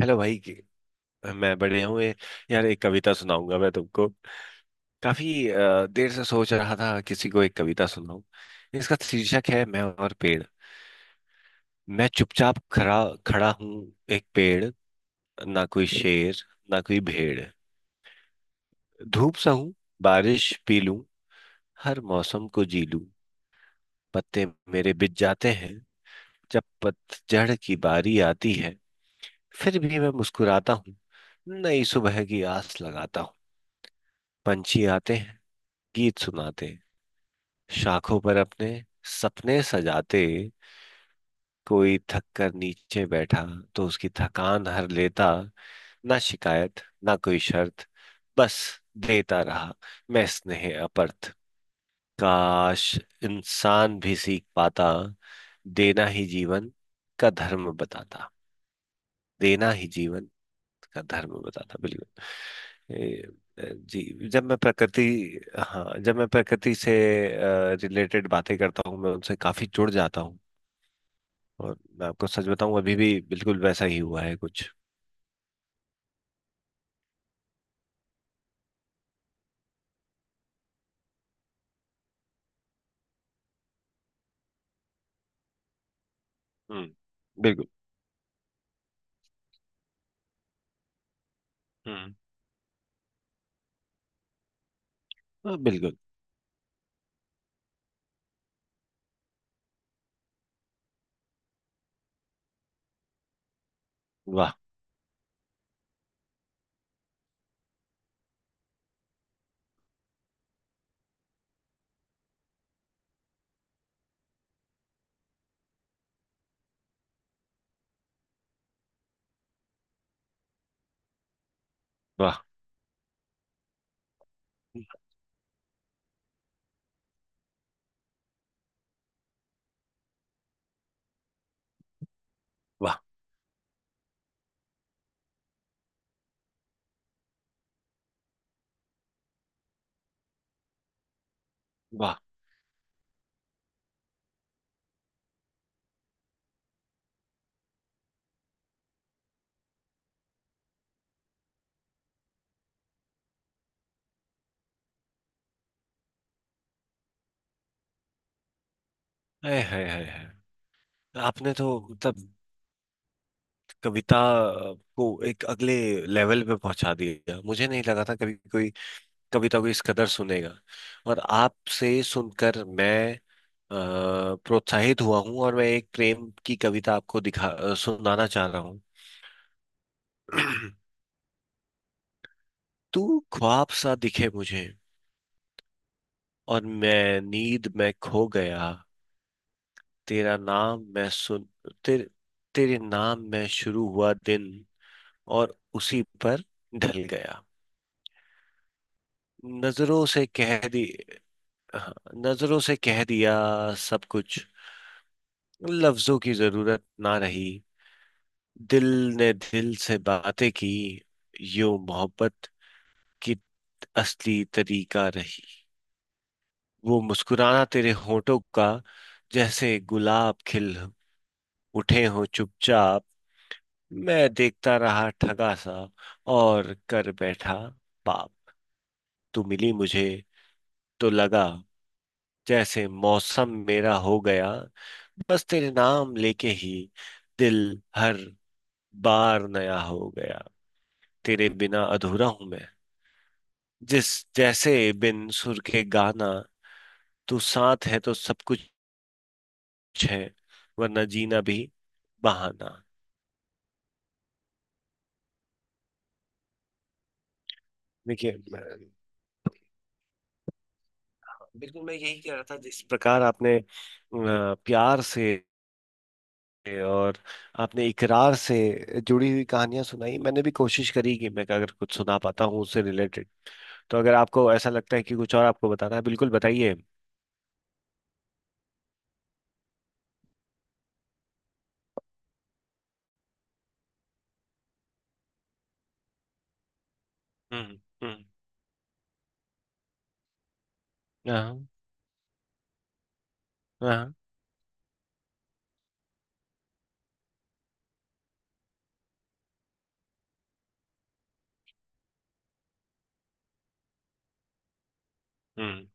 Hello भाई मैं बढ़िया हूँ। यार, एक कविता सुनाऊंगा मैं तुमको। काफी देर से सोच रहा था किसी को एक कविता सुनाऊं। इसका शीर्षक है मैं और पेड़। मैं चुपचाप खड़ा खड़ा हूँ एक पेड़। ना कोई शेर, ना कोई भेड़। धूप सहूं, बारिश पी लूं, हर मौसम को जी लूं। पत्ते मेरे बिछ जाते हैं जब पतझड़ की बारी आती है। फिर भी मैं मुस्कुराता हूँ, नई सुबह की आस लगाता हूँ। पंछी आते हैं, गीत सुनाते हैं, शाखों पर अपने सपने सजाते। कोई थक कर नीचे बैठा तो उसकी थकान हर लेता। ना शिकायत, ना कोई शर्त, बस देता रहा मैं स्नेह अपर्थ। काश इंसान भी सीख पाता, देना ही जीवन का धर्म बताता। देना ही जीवन गंधर्व बताना। बिल्कुल। ए, जी, जब मैं प्रकृति। हाँ, जब मैं प्रकृति से रिलेटेड बातें करता हूँ मैं उनसे काफी जुड़ जाता हूँ। और मैं आपको सच बताऊं, अभी भी बिल्कुल वैसा ही हुआ है कुछ। हम्म। बिल्कुल। हम्म। हाँ, बिल्कुल। वाह वाह वाह वाह। है है। आपने तो मतलब कविता को एक अगले लेवल पे पहुंचा दिया। मुझे नहीं लगा था कभी कोई कभी तो कोई इस कदर सुनेगा। और आपसे सुनकर मैं प्रोत्साहित हुआ हूँ। और मैं एक प्रेम की कविता आपको सुनाना चाह रहा हूँ। तू ख्वाब सा दिखे मुझे और मैं नींद में खो गया। तेरा नाम मैं सुन, तेरे तेरे नाम में शुरू हुआ दिन और उसी पर ढल गया। नजरों से कह दी। हाँ, नजरों से कह दिया सब कुछ, लफ्जों की जरूरत ना रही। दिल ने दिल से बातें की, यूं मोहब्बत की असली तरीका रही। वो मुस्कुराना तेरे होठों का, जैसे गुलाब खिल उठे हो चुपचाप। मैं देखता रहा ठगा सा और कर बैठा पाप। तू मिली मुझे तो लगा जैसे मौसम मेरा हो गया। बस तेरे नाम लेके ही दिल हर बार नया हो गया। तेरे बिना अधूरा हूं मैं, जिस जैसे बिन सुर के गाना। तू साथ है तो सब कुछ है, वरना जीना भी बहाना। देखिए। हाँ, बिल्कुल, मैं यही कह रहा था। जिस प्रकार आपने प्यार से और आपने इकरार से जुड़ी हुई कहानियां सुनाई, मैंने भी कोशिश करी कि मैं अगर कुछ सुना पाता हूँ उससे रिलेटेड। तो अगर आपको ऐसा लगता है कि कुछ और आपको बताना है, बिल्कुल बताइए। हम्म। हाँ हाँ। हम्म।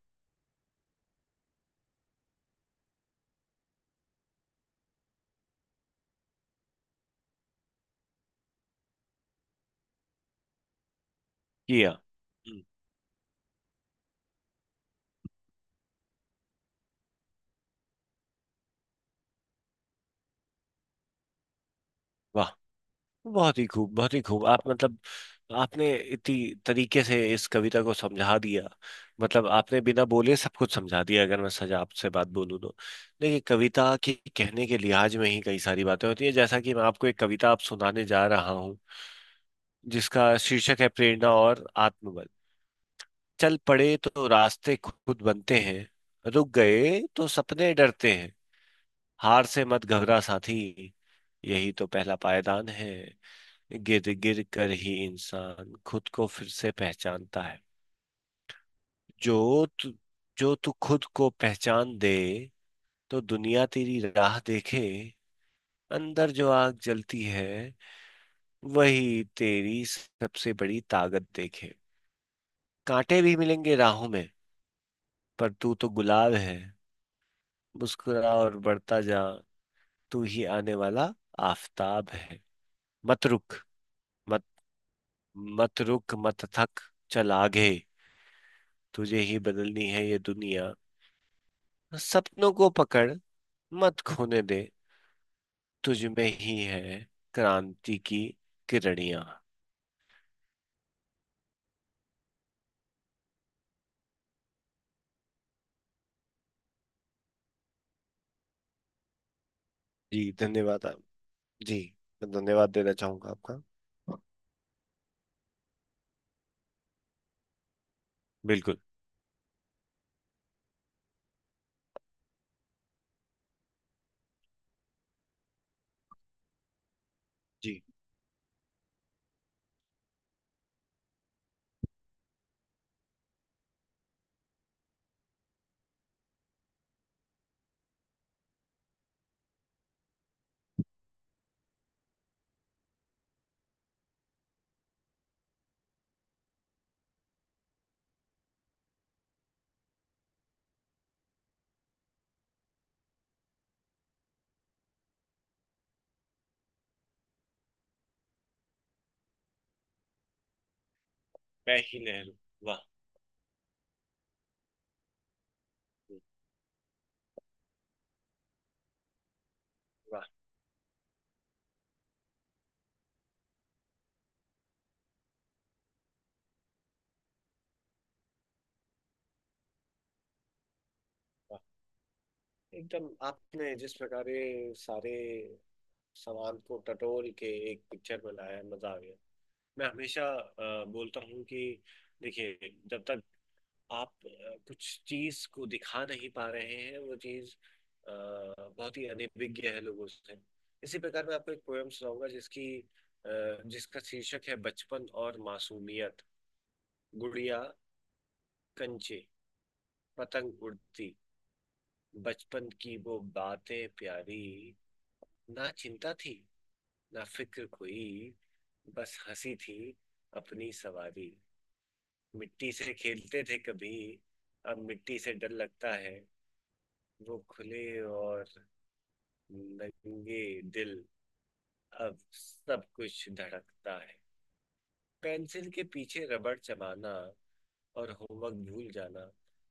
किया। हम्म, वाह। बहुत ही खूब, बहुत ही खूब। आप मतलब आपने इतनी तरीके से इस कविता को समझा दिया। मतलब आपने बिना बोले सब कुछ समझा दिया। अगर मैं सजा आपसे बात बोलूँ तो, देखिए, कविता के कहने के लिहाज में ही कई सारी बातें होती है। जैसा कि मैं आपको एक कविता आप सुनाने जा रहा हूँ, जिसका शीर्षक है प्रेरणा और आत्मबल। चल पड़े तो रास्ते खुद बनते हैं, रुक गए तो सपने डरते हैं। हार से मत घबरा साथी, यही तो पहला पायदान है। गिर गिर कर ही इंसान खुद को फिर से पहचानता है। जो तू जो तू खुद को पहचान दे तो दुनिया तेरी राह देखे। अंदर जो आग जलती है वही तेरी सबसे बड़ी ताकत देखे। कांटे भी मिलेंगे राहों में, पर तू तो गुलाब है। मुस्कुरा और बढ़ता जा, तू ही आने वाला आफताब है। मत रुक, मत मत रुक, मत थक, चल आगे, तुझे ही बदलनी है ये दुनिया। सपनों को पकड़, मत खोने दे, तुझ में ही है क्रांति की किरणियां। जी, धन्यवाद आप जी, मैं धन्यवाद देना चाहूंगा आपका। बिल्कुल। जी। मैं ही नेहरू। वाह वाह वाह। एकदम आपने जिस प्रकार ये सारे सवाल को टटोल के एक पिक्चर में लाया, मजा आ गया। मैं हमेशा बोलता हूँ कि देखिए, जब तक आप कुछ चीज को दिखा नहीं पा रहे हैं, वो चीज अ, बहुत ही अनभिज्ञ है लोगों से। इसी प्रकार मैं आपको एक पोयम सुनाऊंगा, जिसका शीर्षक है बचपन और मासूमियत। गुड़िया, कंचे, पतंग उड़ती, बचपन की वो बातें प्यारी। ना चिंता थी, ना फिक्र कोई, बस हंसी थी अपनी सवारी। मिट्टी से खेलते थे कभी, अब मिट्टी से डर लगता है। वो खुले और नंगे दिल, अब सब कुछ धड़कता है। पेंसिल के पीछे रबड़ चबाना और होमवर्क भूल जाना।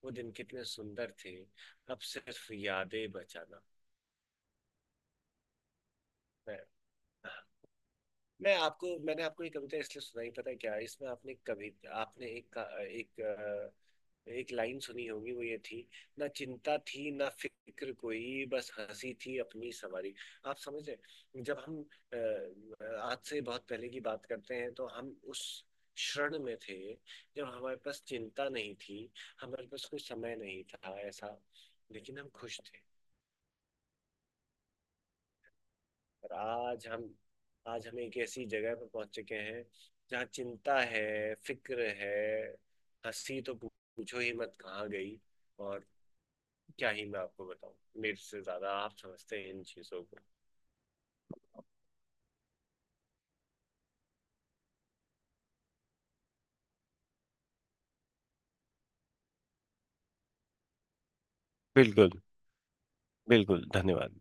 वो दिन कितने सुंदर थे, अब सिर्फ यादें बचाना है। मैंने आपको ये कविता इसलिए सुनाई, पता है क्या? इसमें आपने कभी आपने एक का- एक अ, एक लाइन सुनी होगी, वो ये थी, ना चिंता थी ना फिक्र कोई बस हंसी थी अपनी सवारी। आप समझ रहे, जब हम अ, आज से बहुत पहले की बात करते हैं तो हम उस क्षण में थे जब हमारे पास चिंता नहीं थी, हमारे पास कोई समय नहीं था ऐसा, लेकिन हम खुश थे। और आज हम एक ऐसी जगह पर पहुंच चुके हैं जहाँ चिंता है, फिक्र है। हंसी तो पूछो ही मत, कहाँ गई। और क्या ही मैं आपको बताऊं, मेरे से ज्यादा आप समझते हैं इन चीजों को। बिल्कुल। बिल्कुल, धन्यवाद।